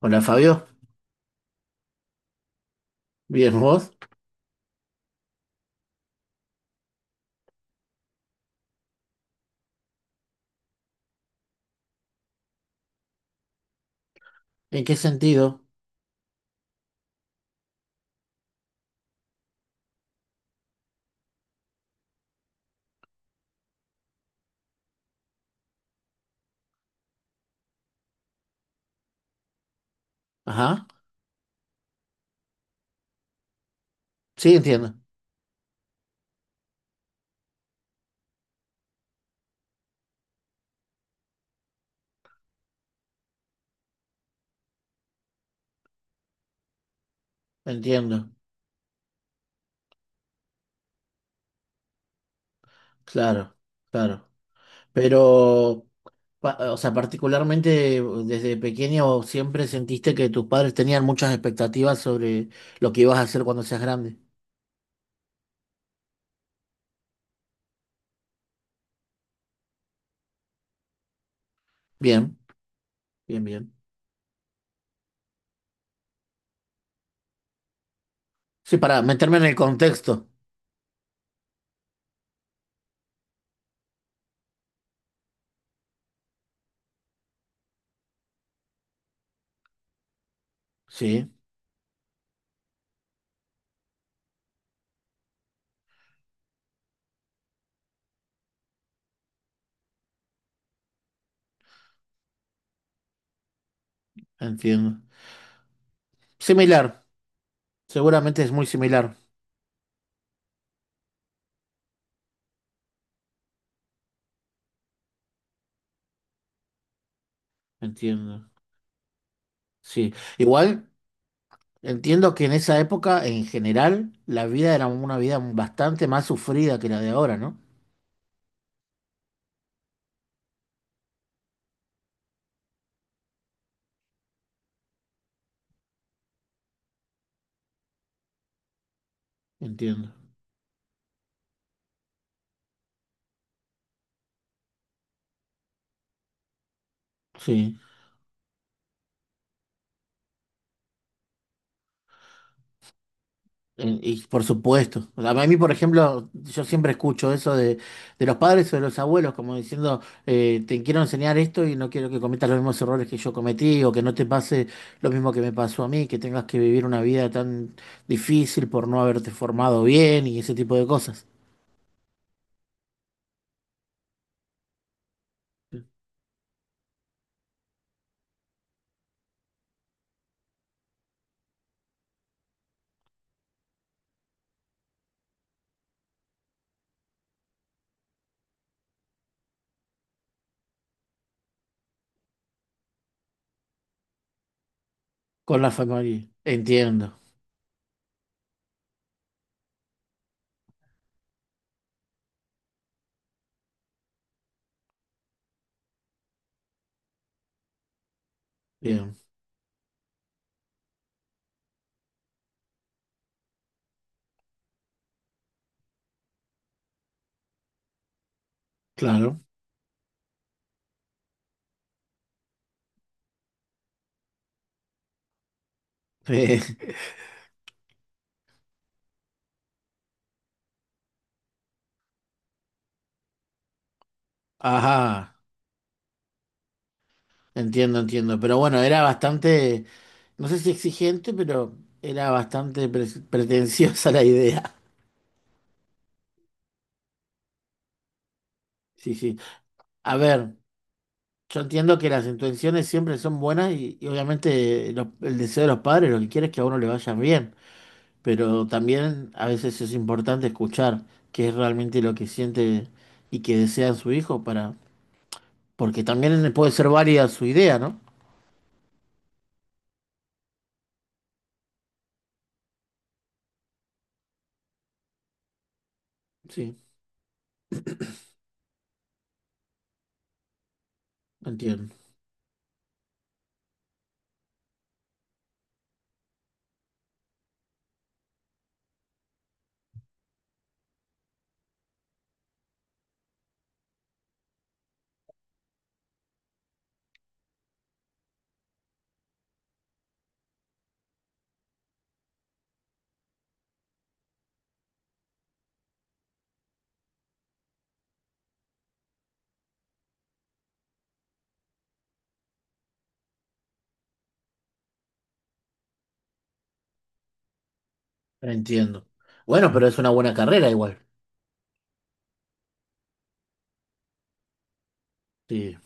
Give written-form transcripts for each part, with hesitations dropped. Hola Fabio, bien vos, ¿en qué sentido? Ajá, sí entiendo, entiendo, claro, claro. Pero, o sea, particularmente desde pequeño siempre sentiste que tus padres tenían muchas expectativas sobre lo que ibas a hacer cuando seas grande. Bien, bien, bien. Sí, para meterme en el contexto. Sí, entiendo. Similar, seguramente es muy similar, entiendo. Sí, igual. Entiendo que en esa época, en general, la vida era una vida bastante más sufrida que la de ahora, ¿no? Entiendo. Sí. Y por supuesto. A mí, por ejemplo, yo siempre escucho eso de los padres o de los abuelos, como diciendo, te quiero enseñar esto y no quiero que cometas los mismos errores que yo cometí o que no te pase lo mismo que me pasó a mí, que tengas que vivir una vida tan difícil por no haberte formado bien y ese tipo de cosas. Con la familia. Entiendo. Bien. Claro. Ajá, entiendo, entiendo. Pero bueno, era bastante, no sé si exigente, pero era bastante pretenciosa la idea. Sí, sí. A ver, yo entiendo que las intenciones siempre son buenas y obviamente el deseo de los padres lo que quiere es que a uno le vayan bien, pero también a veces es importante escuchar qué es realmente lo que siente y que desea su hijo para, porque también puede ser válida su idea, ¿no? Sí, entiendo, entiendo. Bueno, pero es una buena carrera igual. Sí.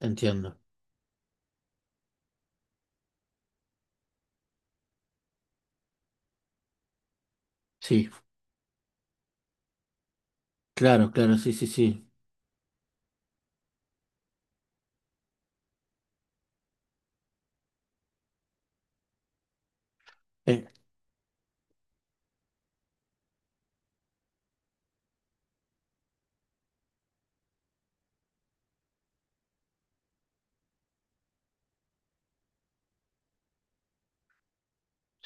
Entiendo. Sí, claro, claro, sí, sí, sí. Eh,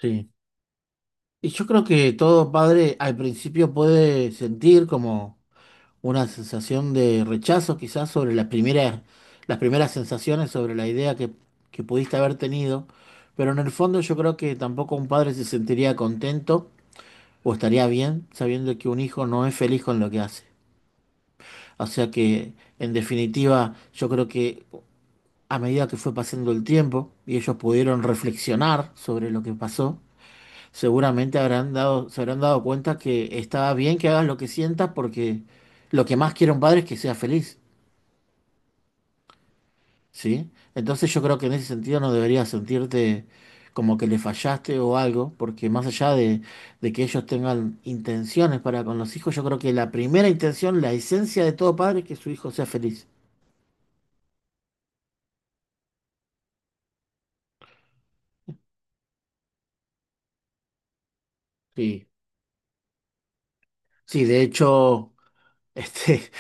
sí. Y yo creo que todo padre al principio puede sentir como una sensación de rechazo quizás sobre las primeras sensaciones, sobre la idea que pudiste haber tenido, pero en el fondo yo creo que tampoco un padre se sentiría contento o estaría bien sabiendo que un hijo no es feliz con lo que hace. O sea que, en definitiva, yo creo que a medida que fue pasando el tiempo y ellos pudieron reflexionar sobre lo que pasó, seguramente habrán dado, se habrán dado cuenta que estaba bien que hagas lo que sientas porque lo que más quiere un padre es que sea feliz, ¿sí? Entonces yo creo que en ese sentido no deberías sentirte como que le fallaste o algo, porque más allá de que ellos tengan intenciones para con los hijos, yo creo que la primera intención, la esencia de todo padre es que su hijo sea feliz. Sí, sí, de hecho, este,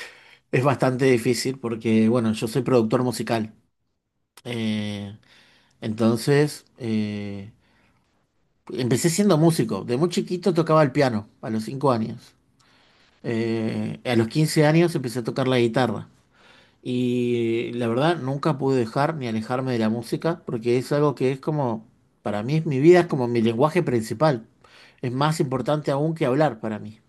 es bastante difícil porque, bueno, yo soy productor musical. Eh, entonces empecé siendo músico. De muy chiquito tocaba el piano, a los 5 años. A los 15 años empecé a tocar la guitarra. Y la verdad, nunca pude dejar ni alejarme de la música porque es algo que es como, para mí, es mi vida, es como mi lenguaje principal. Es más importante aún que hablar para mí.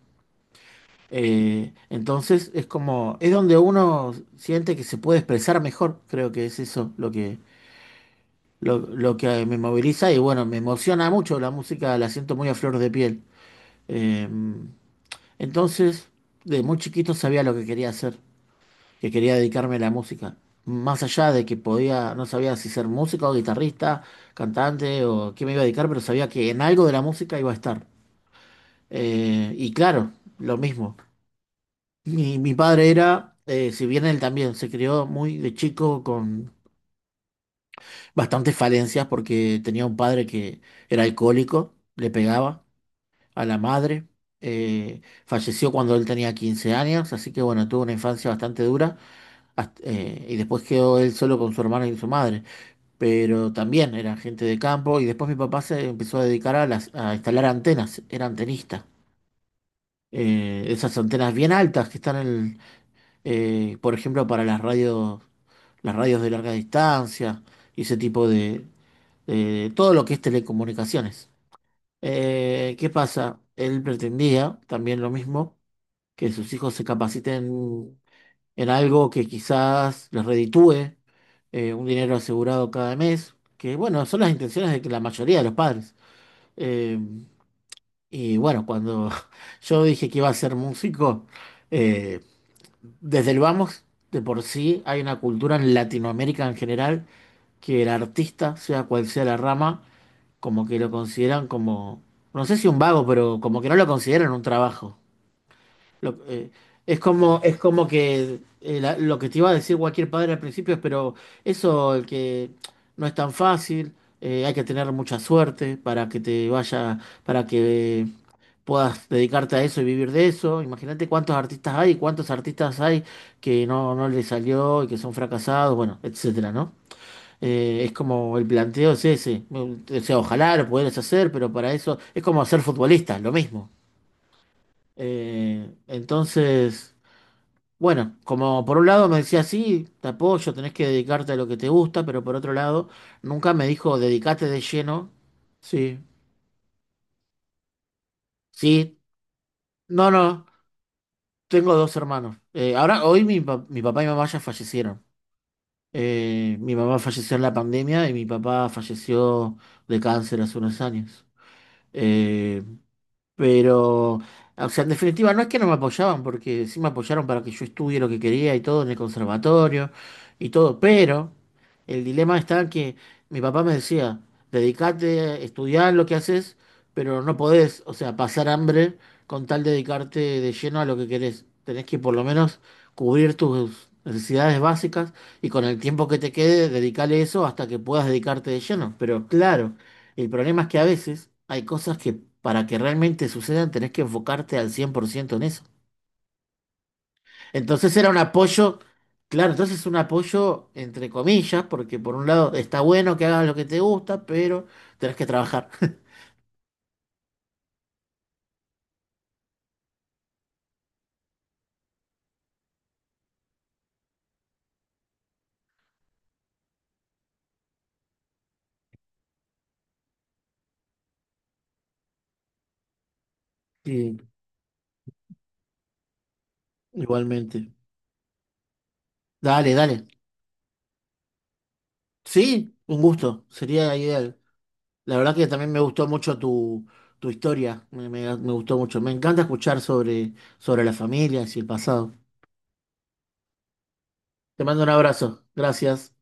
Entonces es como, es donde uno siente que se puede expresar mejor, creo que es eso lo que, lo que me moviliza y bueno, me emociona mucho la música, la siento muy a flor de piel. Eh, entonces, de muy chiquito sabía lo que quería hacer, que quería dedicarme a la música. Más allá de que podía, no sabía si ser músico o guitarrista, cantante o qué me iba a dedicar, pero sabía que en algo de la música iba a estar. Y claro, lo mismo. Mi padre era, si bien él también se crió muy de chico con bastantes falencias porque tenía un padre que era alcohólico, le pegaba a la madre, eh, falleció cuando él tenía 15 años, así que bueno, tuvo una infancia bastante dura y después quedó él solo con su hermana y su madre, pero también era gente de campo y después mi papá se empezó a dedicar a, las, a instalar antenas, era antenista, esas antenas bien altas que están en, por ejemplo, para las radios, las radios de larga distancia y ese tipo de, todo lo que es telecomunicaciones. ¿Qué pasa? Él pretendía también lo mismo, que sus hijos se capaciten en algo que quizás les reditúe un dinero asegurado cada mes, que bueno, son las intenciones de que la mayoría de los padres. Eh, y bueno, cuando yo dije que iba a ser músico, eh, desde el vamos, de por sí hay una cultura en Latinoamérica en general que el artista, sea cual sea la rama, como que lo consideran como, no sé si un vago, pero como que no lo consideran un trabajo. Lo- eh, es como, es como que lo que te iba a decir cualquier padre al principio es, pero eso, el que no es tan fácil, hay que tener mucha suerte para que te vaya, para que puedas dedicarte a eso y vivir de eso. Imagínate cuántos artistas hay que no les salió y que son fracasados, bueno, etcétera, ¿no? Es como el planteo es ese. O sea, ojalá lo pudieras hacer, pero para eso es como ser futbolista, lo mismo. Entonces, bueno, como por un lado me decía, sí, te apoyo, tenés que dedicarte a lo que te gusta, pero por otro lado, nunca me dijo, dedicate de lleno. Sí, sí, no, no, tengo dos hermanos. Ahora, hoy mi, mi papá y mamá ya fallecieron. Mi mamá falleció en la pandemia y mi papá falleció de cáncer hace unos años. Eh, Pero, o sea, en definitiva, no es que no me apoyaban, porque sí me apoyaron para que yo estudie lo que quería y todo en el conservatorio y todo, pero el dilema está que mi papá me decía, dedicate, estudiar lo que haces, pero no podés, o sea, pasar hambre con tal de dedicarte de lleno a lo que querés. Tenés que por lo menos cubrir tus necesidades básicas y con el tiempo que te quede, dedicarle eso hasta que puedas dedicarte de lleno. Pero claro. El problema es que a veces hay cosas que para que realmente sucedan tenés que enfocarte al 100% en eso. Entonces era un apoyo, claro, entonces es un apoyo entre comillas, porque por un lado está bueno que hagas lo que te gusta, pero tenés que trabajar. Sí, igualmente. Dale, dale. Sí, un gusto, sería ideal. La verdad que también me gustó mucho tu, tu historia, me, me gustó mucho. Me encanta escuchar sobre, sobre las familias y el pasado. Te mando un abrazo, gracias.